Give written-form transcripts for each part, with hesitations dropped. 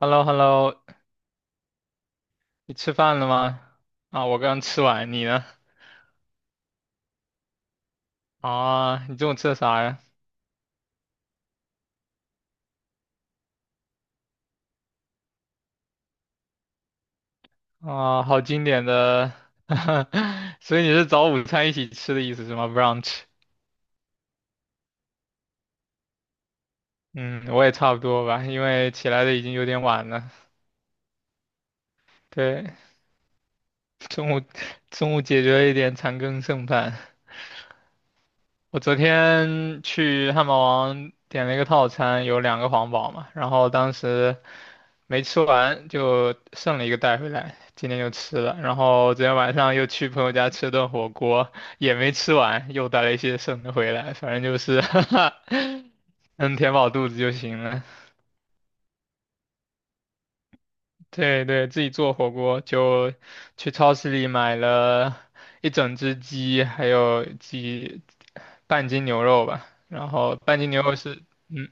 h e l l o h e l l o 你吃饭了吗？啊，我刚吃完，你呢？啊，你中午吃的啥呀？啊，好经典的，所以你是早午餐一起吃的意思是吗？brunch。嗯，我也差不多吧，因为起来的已经有点晚了。对，中午中午解决了一点残羹剩饭。我昨天去汉堡王点了一个套餐，有两个皇堡嘛，然后当时没吃完就剩了一个带回来，今天就吃了。然后昨天晚上又去朋友家吃了顿火锅，也没吃完，又带了一些剩的回来。反正就是 哈哈，能填饱肚子就行了。对对，自己做火锅就去超市里买了一整只鸡，还有几半斤牛肉吧。然后半斤牛肉是，嗯。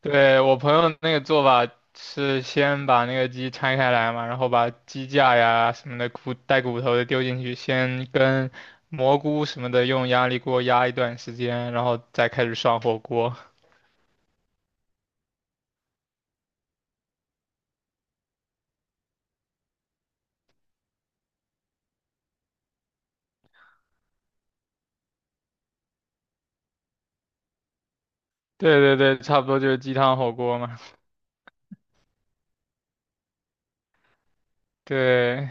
对，我朋友那个做法是先把那个鸡拆开来嘛，然后把鸡架呀什么的骨带骨头的丢进去，先跟蘑菇什么的用压力锅压一段时间，然后再开始涮火锅。对对对，差不多就是鸡汤火锅嘛。对，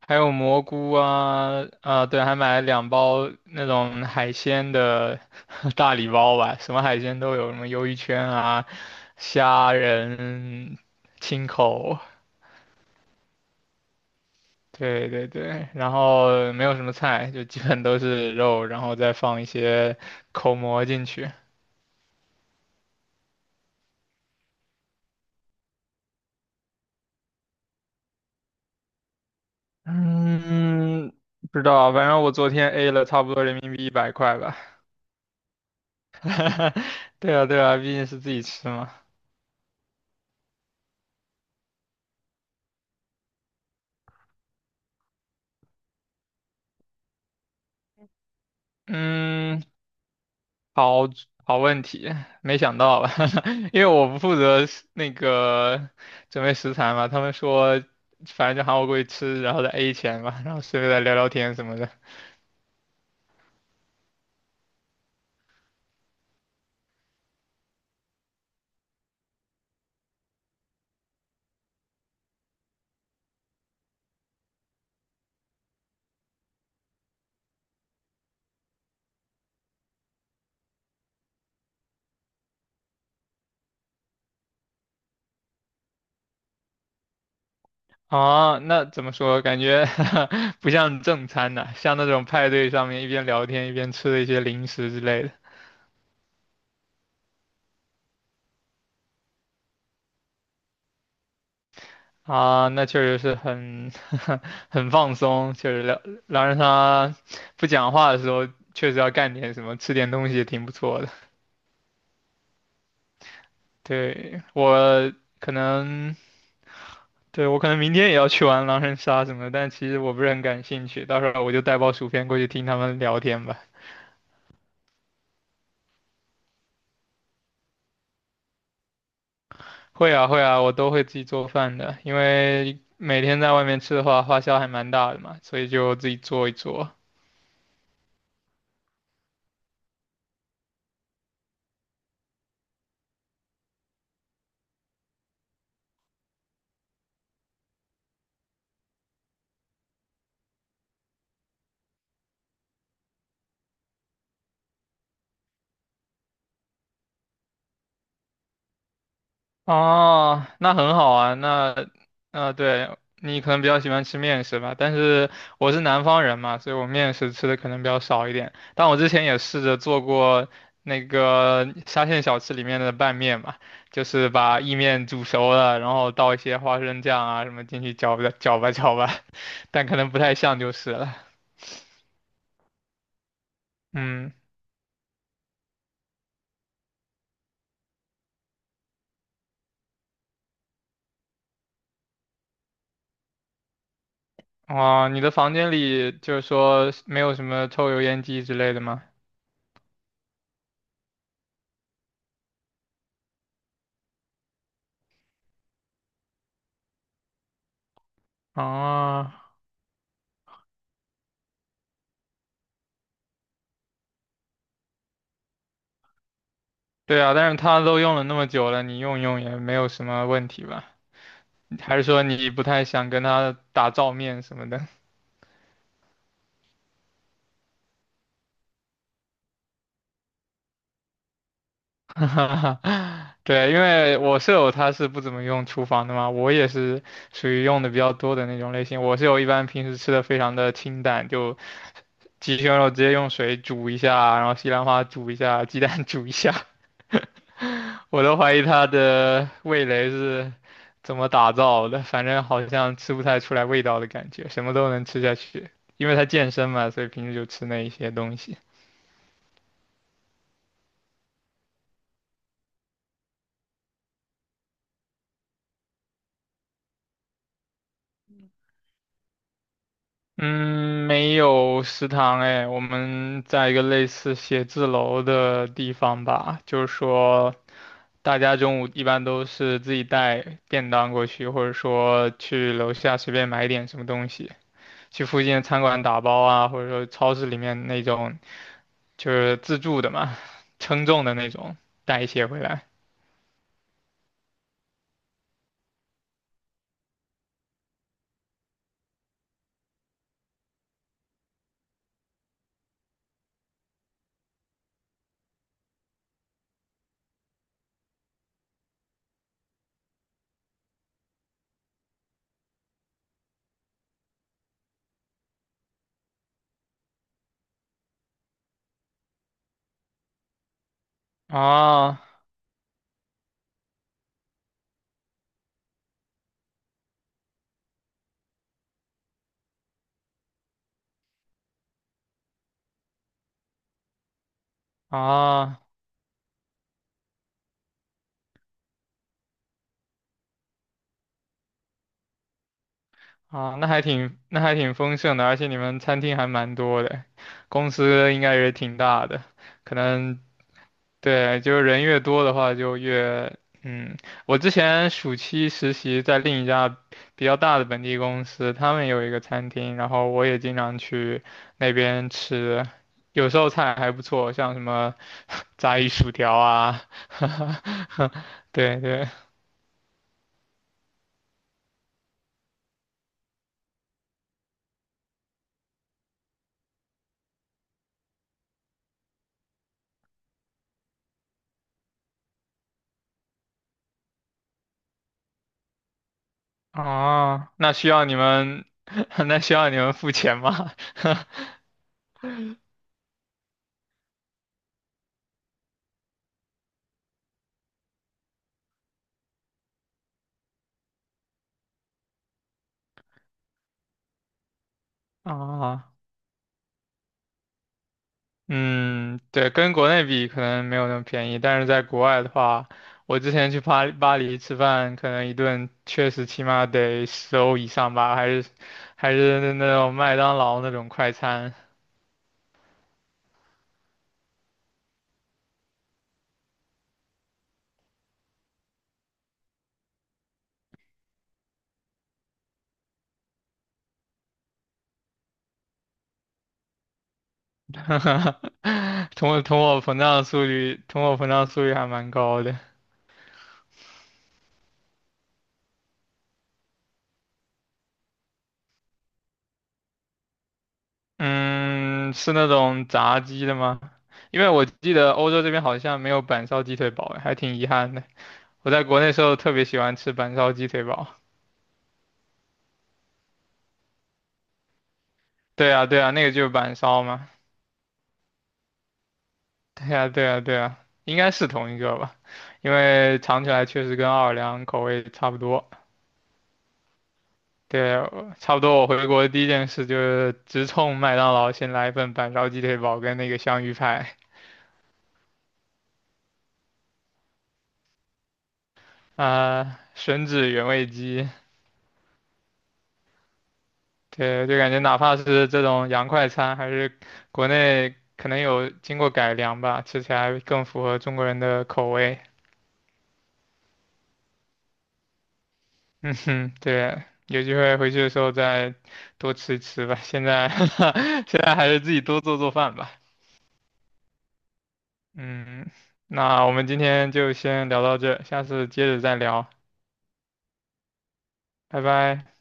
还有蘑菇啊，啊对，还买了两包那种海鲜的 大礼包吧，什么海鲜都有，什么鱿鱼圈啊、虾仁、青口。对对对，然后没有什么菜，就基本都是肉，然后再放一些口蘑进去。嗯，不知道啊，反正我昨天 A 了差不多人民币100块吧。对啊对啊，毕竟是自己吃嘛。嗯，好好问题，没想到吧？因为我不负责食那个准备食材嘛，他们说反正就喊我过去吃，然后再 A 钱嘛，然后顺便再聊聊天什么的。啊，那怎么说？感觉 不像正餐呐、像那种派对上面一边聊天一边吃的一些零食之类的。啊，那确实是很 很放松，确实聊狼人杀不讲话的时候，确实要干点什么，吃点东西也挺不错的。对，我可能，对，我可能明天也要去玩狼人杀什么的，但其实我不是很感兴趣，到时候我就带包薯片过去听他们聊天吧。会啊会啊，我都会自己做饭的，因为每天在外面吃的话，花销还蛮大的嘛，所以就自己做一做。哦，那很好啊，那，啊，对，你可能比较喜欢吃面食吧，但是我是南方人嘛，所以我面食吃的可能比较少一点。但我之前也试着做过那个沙县小吃里面的拌面嘛，就是把意面煮熟了，然后倒一些花生酱啊什么进去搅吧搅吧搅吧，但可能不太像就是了。嗯。哦，你的房间里就是说没有什么抽油烟机之类的吗？啊，对啊，但是他都用了那么久了，你用用也没有什么问题吧？还是说你不太想跟他打照面什么的？哈哈哈，对，因为我舍友他是不怎么用厨房的嘛，我也是属于用的比较多的那种类型。我舍友一般平时吃的非常的清淡，就鸡胸肉直接用水煮一下，然后西兰花煮一下，鸡蛋煮一下，我都怀疑他的味蕾是怎么打造的，反正好像吃不太出来味道的感觉，什么都能吃下去，因为他健身嘛，所以平时就吃那一些东西。嗯，没有食堂哎，我们在一个类似写字楼的地方吧，就是说，大家中午一般都是自己带便当过去，或者说去楼下随便买点什么东西，去附近的餐馆打包啊，或者说超市里面那种就是自助的嘛，称重的那种，带一些回来。啊啊，啊，那还挺丰盛的，而且你们餐厅还蛮多的，公司应该也挺大的，可能对，就是人越多的话就越嗯，我之前暑期实习在另一家比较大的本地公司，他们有一个餐厅，然后我也经常去那边吃，有时候菜还不错，像什么 炸鱼薯条啊，对对，啊，那需要你们，那需要你们付钱吗？啊，嗯，对，跟国内比可能没有那么便宜，但是在国外的话，我之前去巴黎吃饭，可能一顿确实起码得10欧以上吧，还是那种麦当劳那种快餐，通货膨胀速率还蛮高的。嗯，是那种炸鸡的吗？因为我记得欧洲这边好像没有板烧鸡腿堡，还挺遗憾的。我在国内时候特别喜欢吃板烧鸡腿堡。对啊，对啊，那个就是板烧嘛。对啊，对啊，对啊，应该是同一个吧，因为尝起来确实跟奥尔良口味差不多。对，我差不多。我回国第一件事就是直冲麦当劳，先来一份板烧鸡腿堡跟那个香芋派啊、吮指原味鸡。对，就感觉哪怕是这种洋快餐，还是国内可能有经过改良吧，吃起来更符合中国人的口味。嗯哼，对，有机会回去的时候再多吃一吃吧。现在 现在还是自己多做做饭吧。嗯，那我们今天就先聊到这，下次接着再聊，拜拜。